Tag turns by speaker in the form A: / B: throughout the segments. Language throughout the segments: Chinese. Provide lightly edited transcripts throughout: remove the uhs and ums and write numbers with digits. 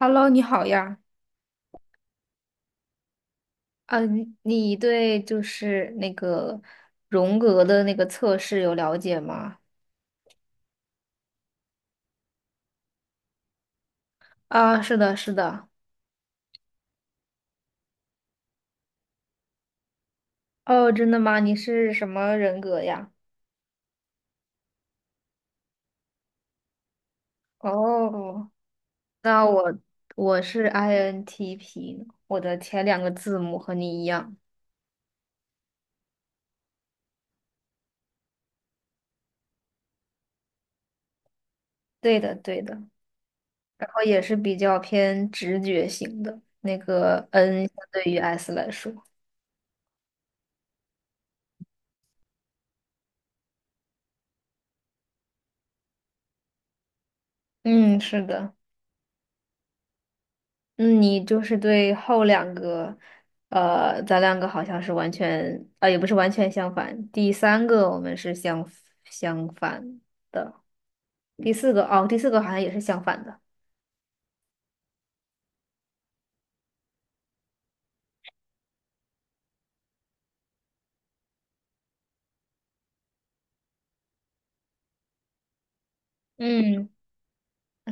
A: Hello，你好呀。嗯，你对就是那个荣格的那个测试有了解吗？啊，是的，是的。哦，真的吗？你是什么人格呀？哦，那我是 INTP，我的前两个字母和你一样。对的，对的。然后也是比较偏直觉型的，那个 N 相对于 S 来说。嗯，是的。嗯，你就是对后两个，咱两个好像是完全啊，也不是完全相反。第三个我们是相反的，第四个哦，第四个好像也是相反的。嗯，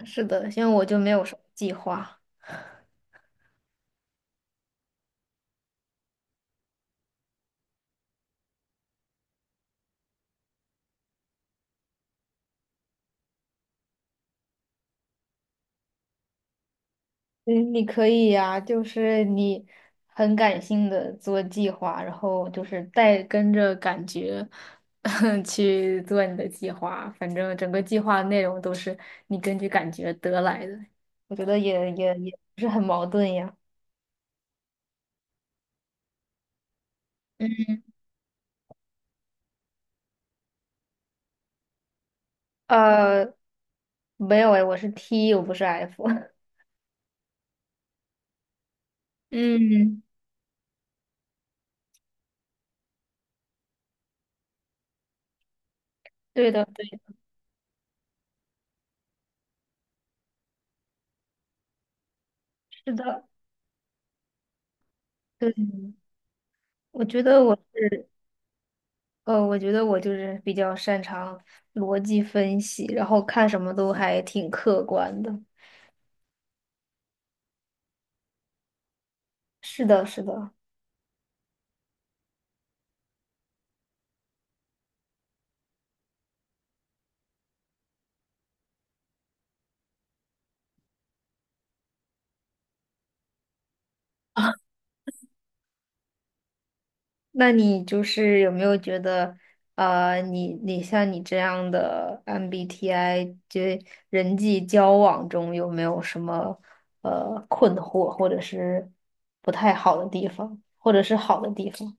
A: 是的，因为我就没有什么计划。嗯，你可以呀、就是你很感性的做计划，然后就是带跟着感觉 去做你的计划，反正整个计划内容都是你根据感觉得来的，我觉得也不是很矛盾呀。呃，没有哎，我是 T，我不是 F。嗯，对的，对，是的，对，我觉得我是。呃，我觉得我就是比较擅长逻辑分析，然后看什么都还挺客观的。是的，是的。那你就是有没有觉得，呃，你像你这样的 MBTI，就人际交往中有没有什么呃困惑，或者是不太好的地方，或者是好的地方？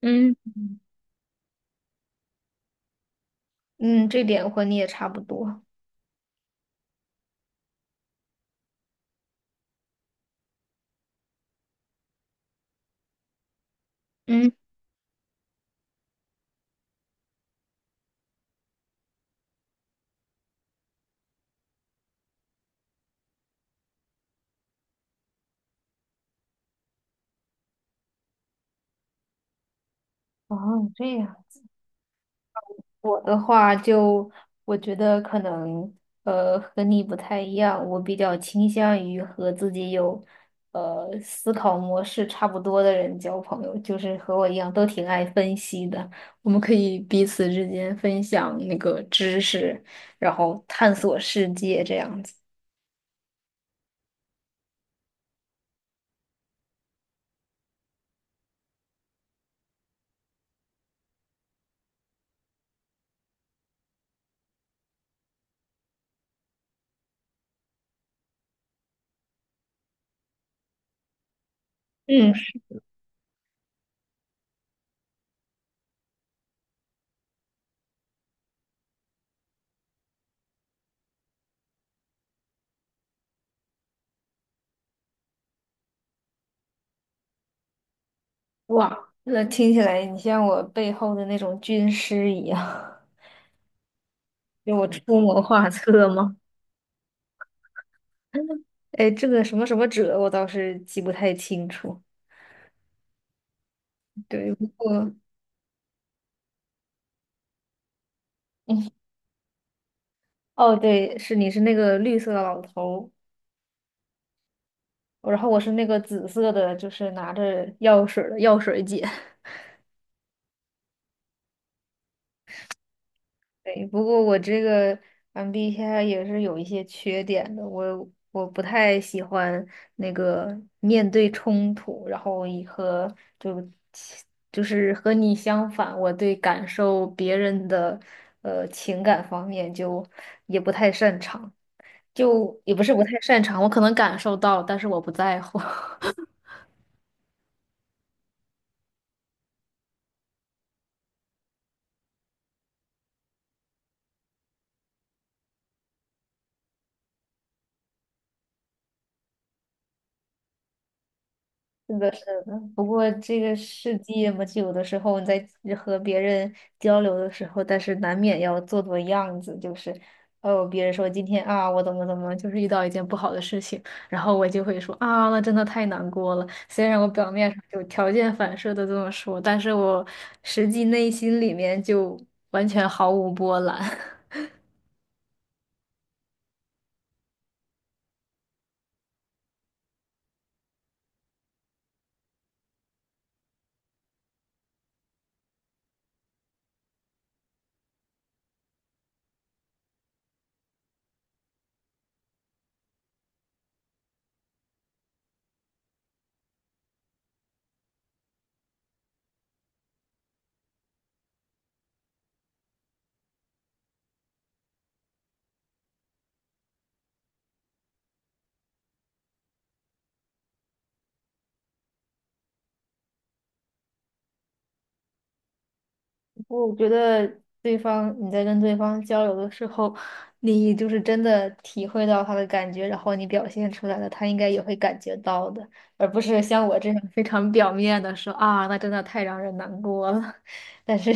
A: 嗯嗯，这点和你也差不多。嗯，哦，这样。我的话就，我觉得可能呃和你不太一样，我比较倾向于和自己有呃思考模式差不多的人交朋友，就是和我一样都挺爱分析的。我们可以彼此之间分享那个知识，然后探索世界这样子。嗯，哇，那听起来你像我背后的那种军师一样，就我出谋划策吗？哎，这个什么什么者，我倒是记不太清楚。对，不过哦，对，是你是那个绿色的老头儿，然后我是那个紫色的，就是拿着药水儿的药水姐。对，不过我这个 MBTI 也是有一些缺点的，我不太喜欢那个面对冲突，然后以和就就是和你相反，我对感受别人的呃情感方面就也不太擅长，就也不是不太擅长，我可能感受到，但是我不在乎。是的，是的。不过这个世界嘛，就有的时候你在和别人交流的时候，但是难免要做做样子，就是哦，别人说今天啊，我怎么怎么，就是遇到一件不好的事情，然后我就会说啊，那真的太难过了。虽然我表面上就条件反射的这么说，但是我实际内心里面就完全毫无波澜。我觉得对方你在跟对方交流的时候，你就是真的体会到他的感觉，然后你表现出来了，他应该也会感觉到的，而不是像我这样非常表面的说啊，那真的太让人难过了。但是，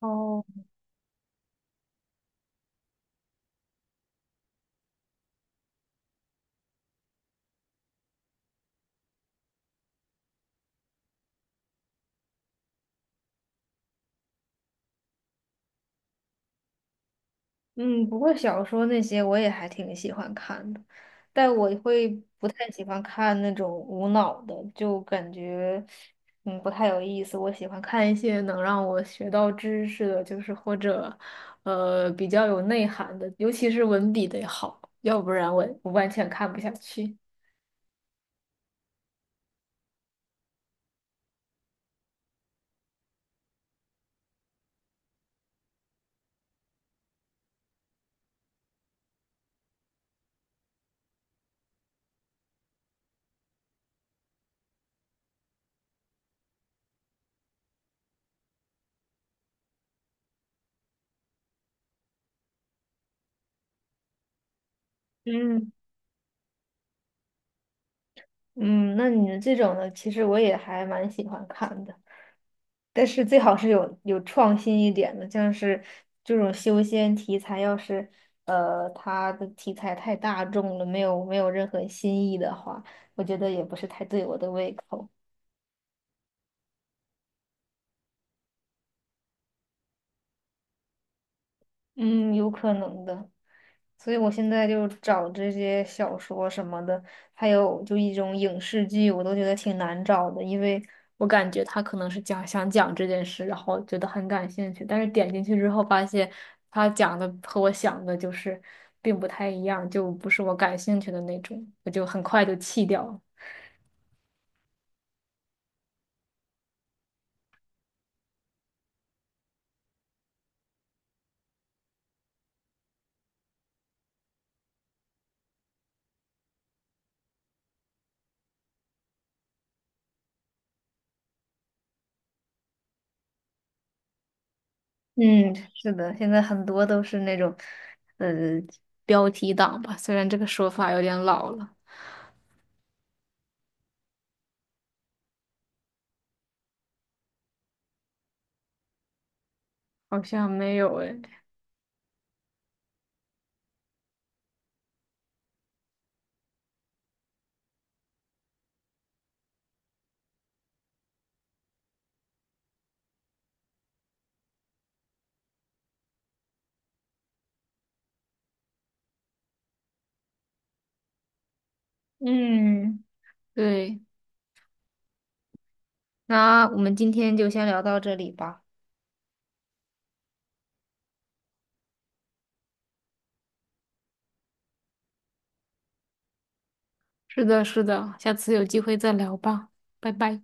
A: 哦。嗯，不过小说那些我也还挺喜欢看的，但我会不太喜欢看那种无脑的，就感觉嗯不太有意思。我喜欢看一些能让我学到知识的，就是或者呃比较有内涵的，尤其是文笔得好，要不然我完全看不下去。嗯嗯，那你的这种呢，其实我也还蛮喜欢看的。但是最好是有创新一点的，像是这种修仙题材，要是呃它的题材太大众了，没有任何新意的话，我觉得也不是太对我的胃口。嗯，有可能的。所以我现在就找这些小说什么的，还有就一种影视剧，我都觉得挺难找的，因为我感觉他可能是讲想讲这件事，然后觉得很感兴趣，但是点进去之后发现他讲的和我想的就是并不太一样，就不是我感兴趣的那种，我就很快就弃掉了。嗯，是的，现在很多都是那种，呃，标题党吧，虽然这个说法有点老了，好像没有诶。嗯，对，那我们今天就先聊到这里吧。是的，是的，下次有机会再聊吧，拜拜。